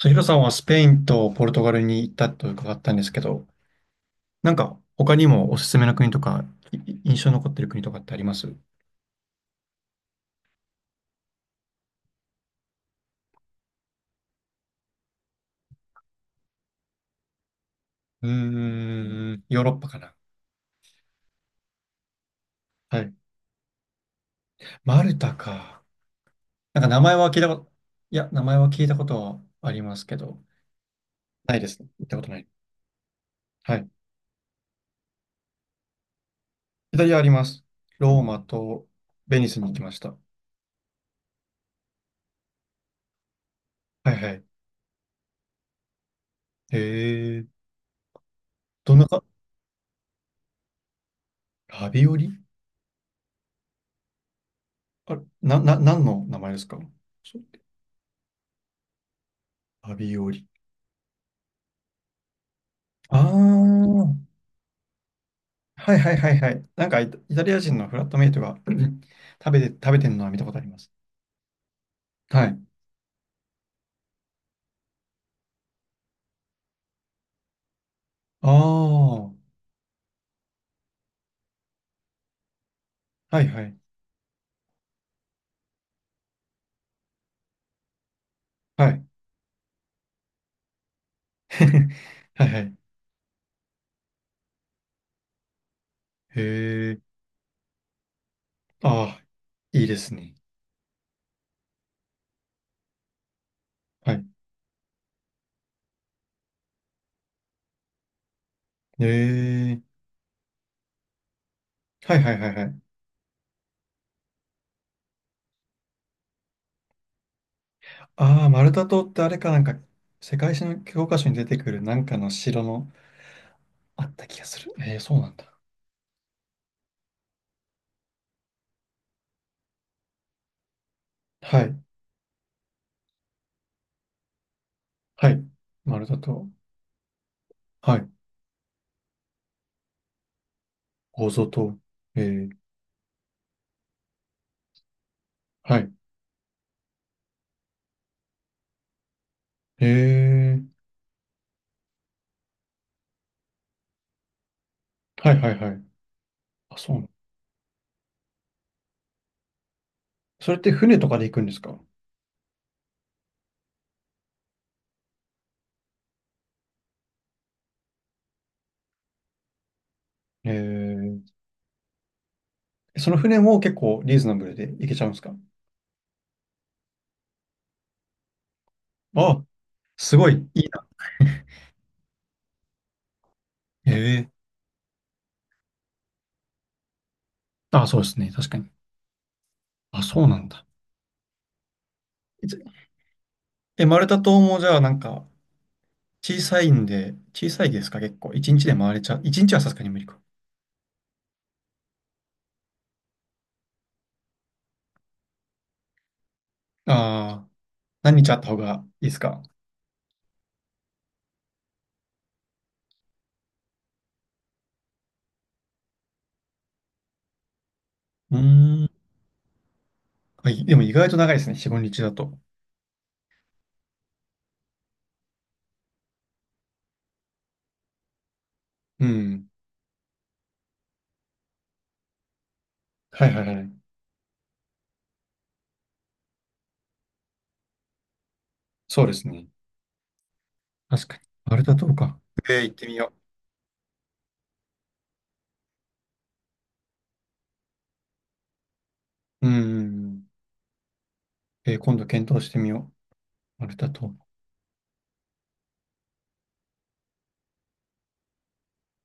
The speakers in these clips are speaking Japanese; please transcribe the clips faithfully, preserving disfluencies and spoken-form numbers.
ヒロさんはスペインとポルトガルに行ったと伺ったんですけど、なんか他にもおすすめの国とか、い印象に残ってる国とかってありますう？ーん、ヨーロッパかな。はい。マルタか。なんか名前は聞いたこと、いや、名前は聞いたことはありますけど、ないですね。行ったことない。はい。イタリアあります。ローマとベニスに行きました。はいはい。へえ、どんなか、ラビオリ。あ、な、な、何の名前ですか？そう、ラビオリ。ああ。はいはいはいはい。なんかイタ、イタリア人のフラットメイトが 食べて、食べてるのは見たことあります。はい。ああ、はいはい。はい。はいはい。へえ。ああ、いいですね。はい。へえ。はいはいはいはい。ああ、マルタ島ってあれかなんか、世界史の教科書に出てくるなんかの城のあった気がする。ええ、そうなんだ。はい。はい。マルタ島。はい。ゴゾ島。ええ。はい。へえ。はいはいはい。あ、そうなんだ。それって船とかで行くんですか？えー、その船も結構リーズナブルで行けちゃうんですか？あ、すごい、いいな。ええ、あ、そうですね、確かに。あ、そうなんだ。いつえ、マルタ島もじゃあなんか小さいんで、小さいですか結構。一日で回れちゃう。一日はさすがに無理か。ああ、何日あった方がいいですか？うーん。あ、いでも意外と長いですね、よん、いつかだと。うん。はいはいはい。そうですね。確かに。マルタ島か。えー、行ってみよう。うん。えー、今度検討してみよう。マルタ島。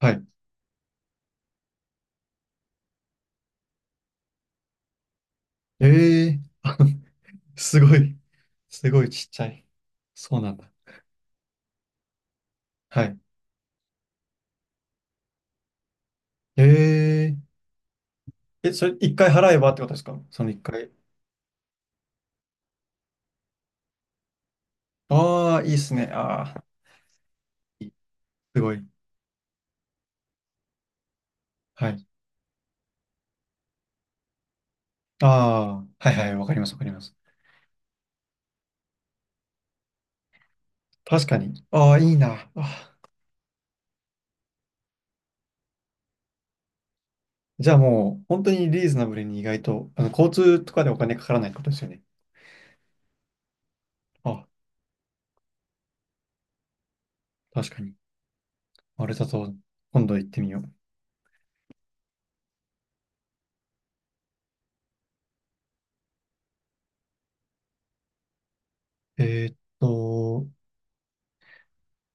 はい。ええ、あ、 すごい。すごいちっちゃい。そうなんだ。はい。えええ、それ一回払えばってことですか？その一回。ああ、いいっすね。ああ、すごい。はい。ああ、はいはい。わかります、わかります。確かに。ああ、いいな。ああ、じゃあもう、本当にリーズナブルに意外と、あの、交通とかでお金かからないってことですよね。ああ、確かに。マルタ島、今度行ってみよう。えーっと、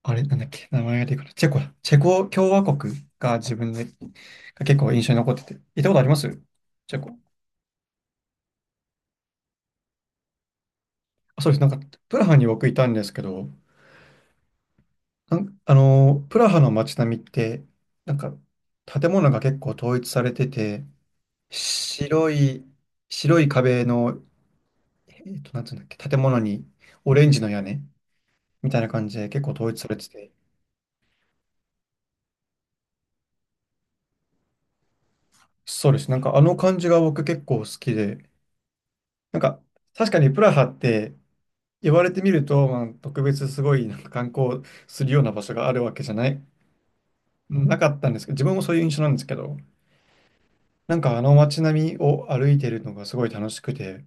あれ、なんだっけ、名前が出てくる。チェコだ。チェコ共和国が自分で、が結構印象に残ってて。行ったことあります？チェコ。あ、そうです。なんか、プラハに僕いたんですけど、なんあのー、プラハの街並みって、なんか、建物が結構統一されてて、白い、白い壁の、えっと、なんつうんだっけ、建物にオレンジの屋根みたいな感じで結構統一されてて、そうです。なんか、あの感じが僕結構好きで、なんか、確かにプラハって、言われてみると、まあ、特別すごいなんか観光するような場所があるわけじゃない、なかったんですけど、自分もそういう印象なんですけど、なんかあの街並みを歩いてるのがすごい楽しくて、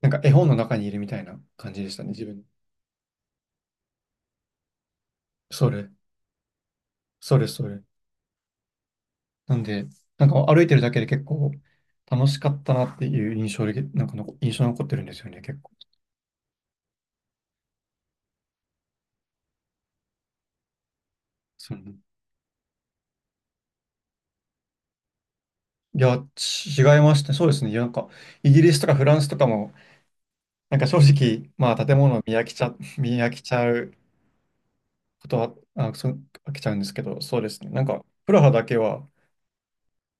なんか絵本の中にいるみたいな感じでしたね、自分。それ、それ、それ。なんで、なんか歩いてるだけで結構楽しかったなっていう印象で、なんかの印象に残ってるんですよね、結構。そう、いや、ち違いましたね。そうですね。いやなんか、イギリスとかフランスとかも、なんか正直、まあ建物を見飽きちゃ、見飽きちゃうことは、あ、そう、飽きちゃうんですけど、そうですね。なんか、プラハだけは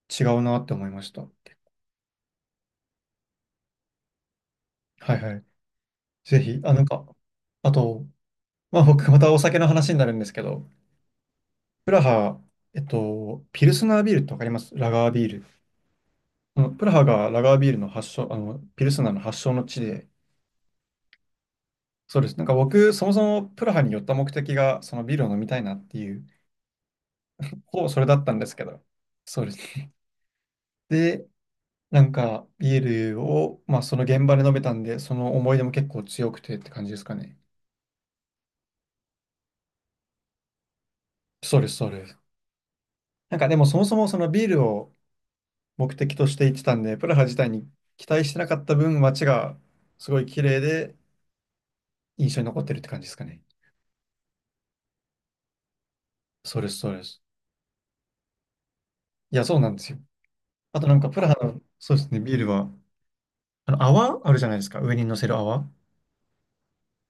違うなって思いました。はいはい。ぜひ、あ、なんか、あと、まあ僕、またお酒の話になるんですけど、プラハ、えっと、ピルスナービールってわかります？ラガービール。あのプラハがラガービールの発祥、あの、ピルスナーの発祥の地で、そうです。なんか僕、そもそもプラハに寄った目的が、そのビールを飲みたいなっていう、ほぼそれだったんですけど、そうです。で、なんか、ビールを、まあ、その現場で飲めたんで、その思い出も結構強くてって感じですかね。そうです、そうです。なんか、でもそもそもそのビールを目的として行ってたんで、プラハ自体に期待してなかった分、街がすごい綺麗で印象に残ってるって感じですかね。そうです、そうです。いや、そうなんですよ。あとなんか、プラハの、そうですね、ビールは、あの、泡あるじゃないですか、上に乗せる泡。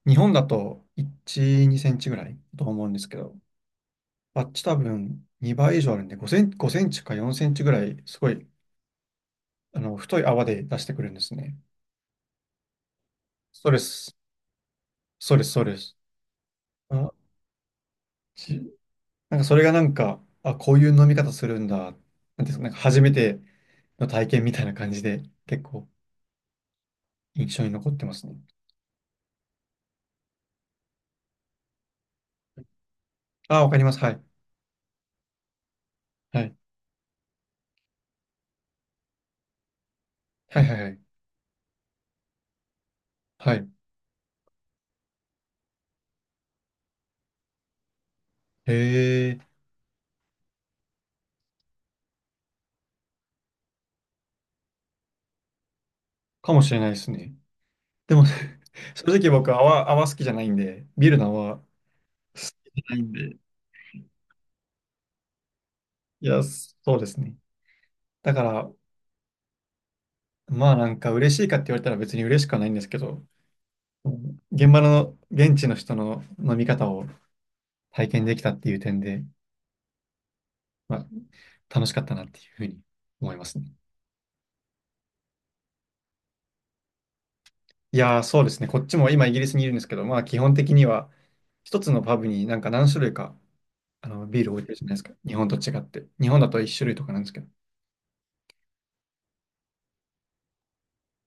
日本だといち、にセンチぐらいだと思うんですけど、あっち多分にばい以上あるんで、ごセンチ、ごセンチかよんセンチぐらい、すごい、あの、太い泡で出してくるんですね。そうです。そうです、そうです。あ、ち、なんかそれがなんか、あ、こういう飲み方するんだ、なんていうんですか、なんか初めての体験みたいな感じで、結構印象に残ってますね。あ、わかります。はい。はい。はいはいはい。はい。へえ、かもしれないですね。でも、正直僕泡、泡好きじゃないんで、ビールの泡好きじゃないんで、いや、そうですね。だから、まあなんか嬉しいかって言われたら別に嬉しくはないんですけど、うん、現場の現地の人の飲み方を体験できたっていう点で、まあ楽しかったなっていうふうに思いますね。いやー、そうですね。こっちも今イギリスにいるんですけど、まあ基本的には一つのパブになんか何種類かあのビール置いてるじゃないですか。日本と違って。日本だと一種類とかなんですけど。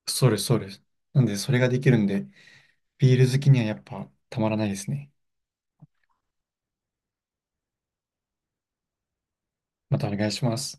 そうです、そうです。なんでそれができるんで、ビール好きにはやっぱたまらないですね。またお願いします。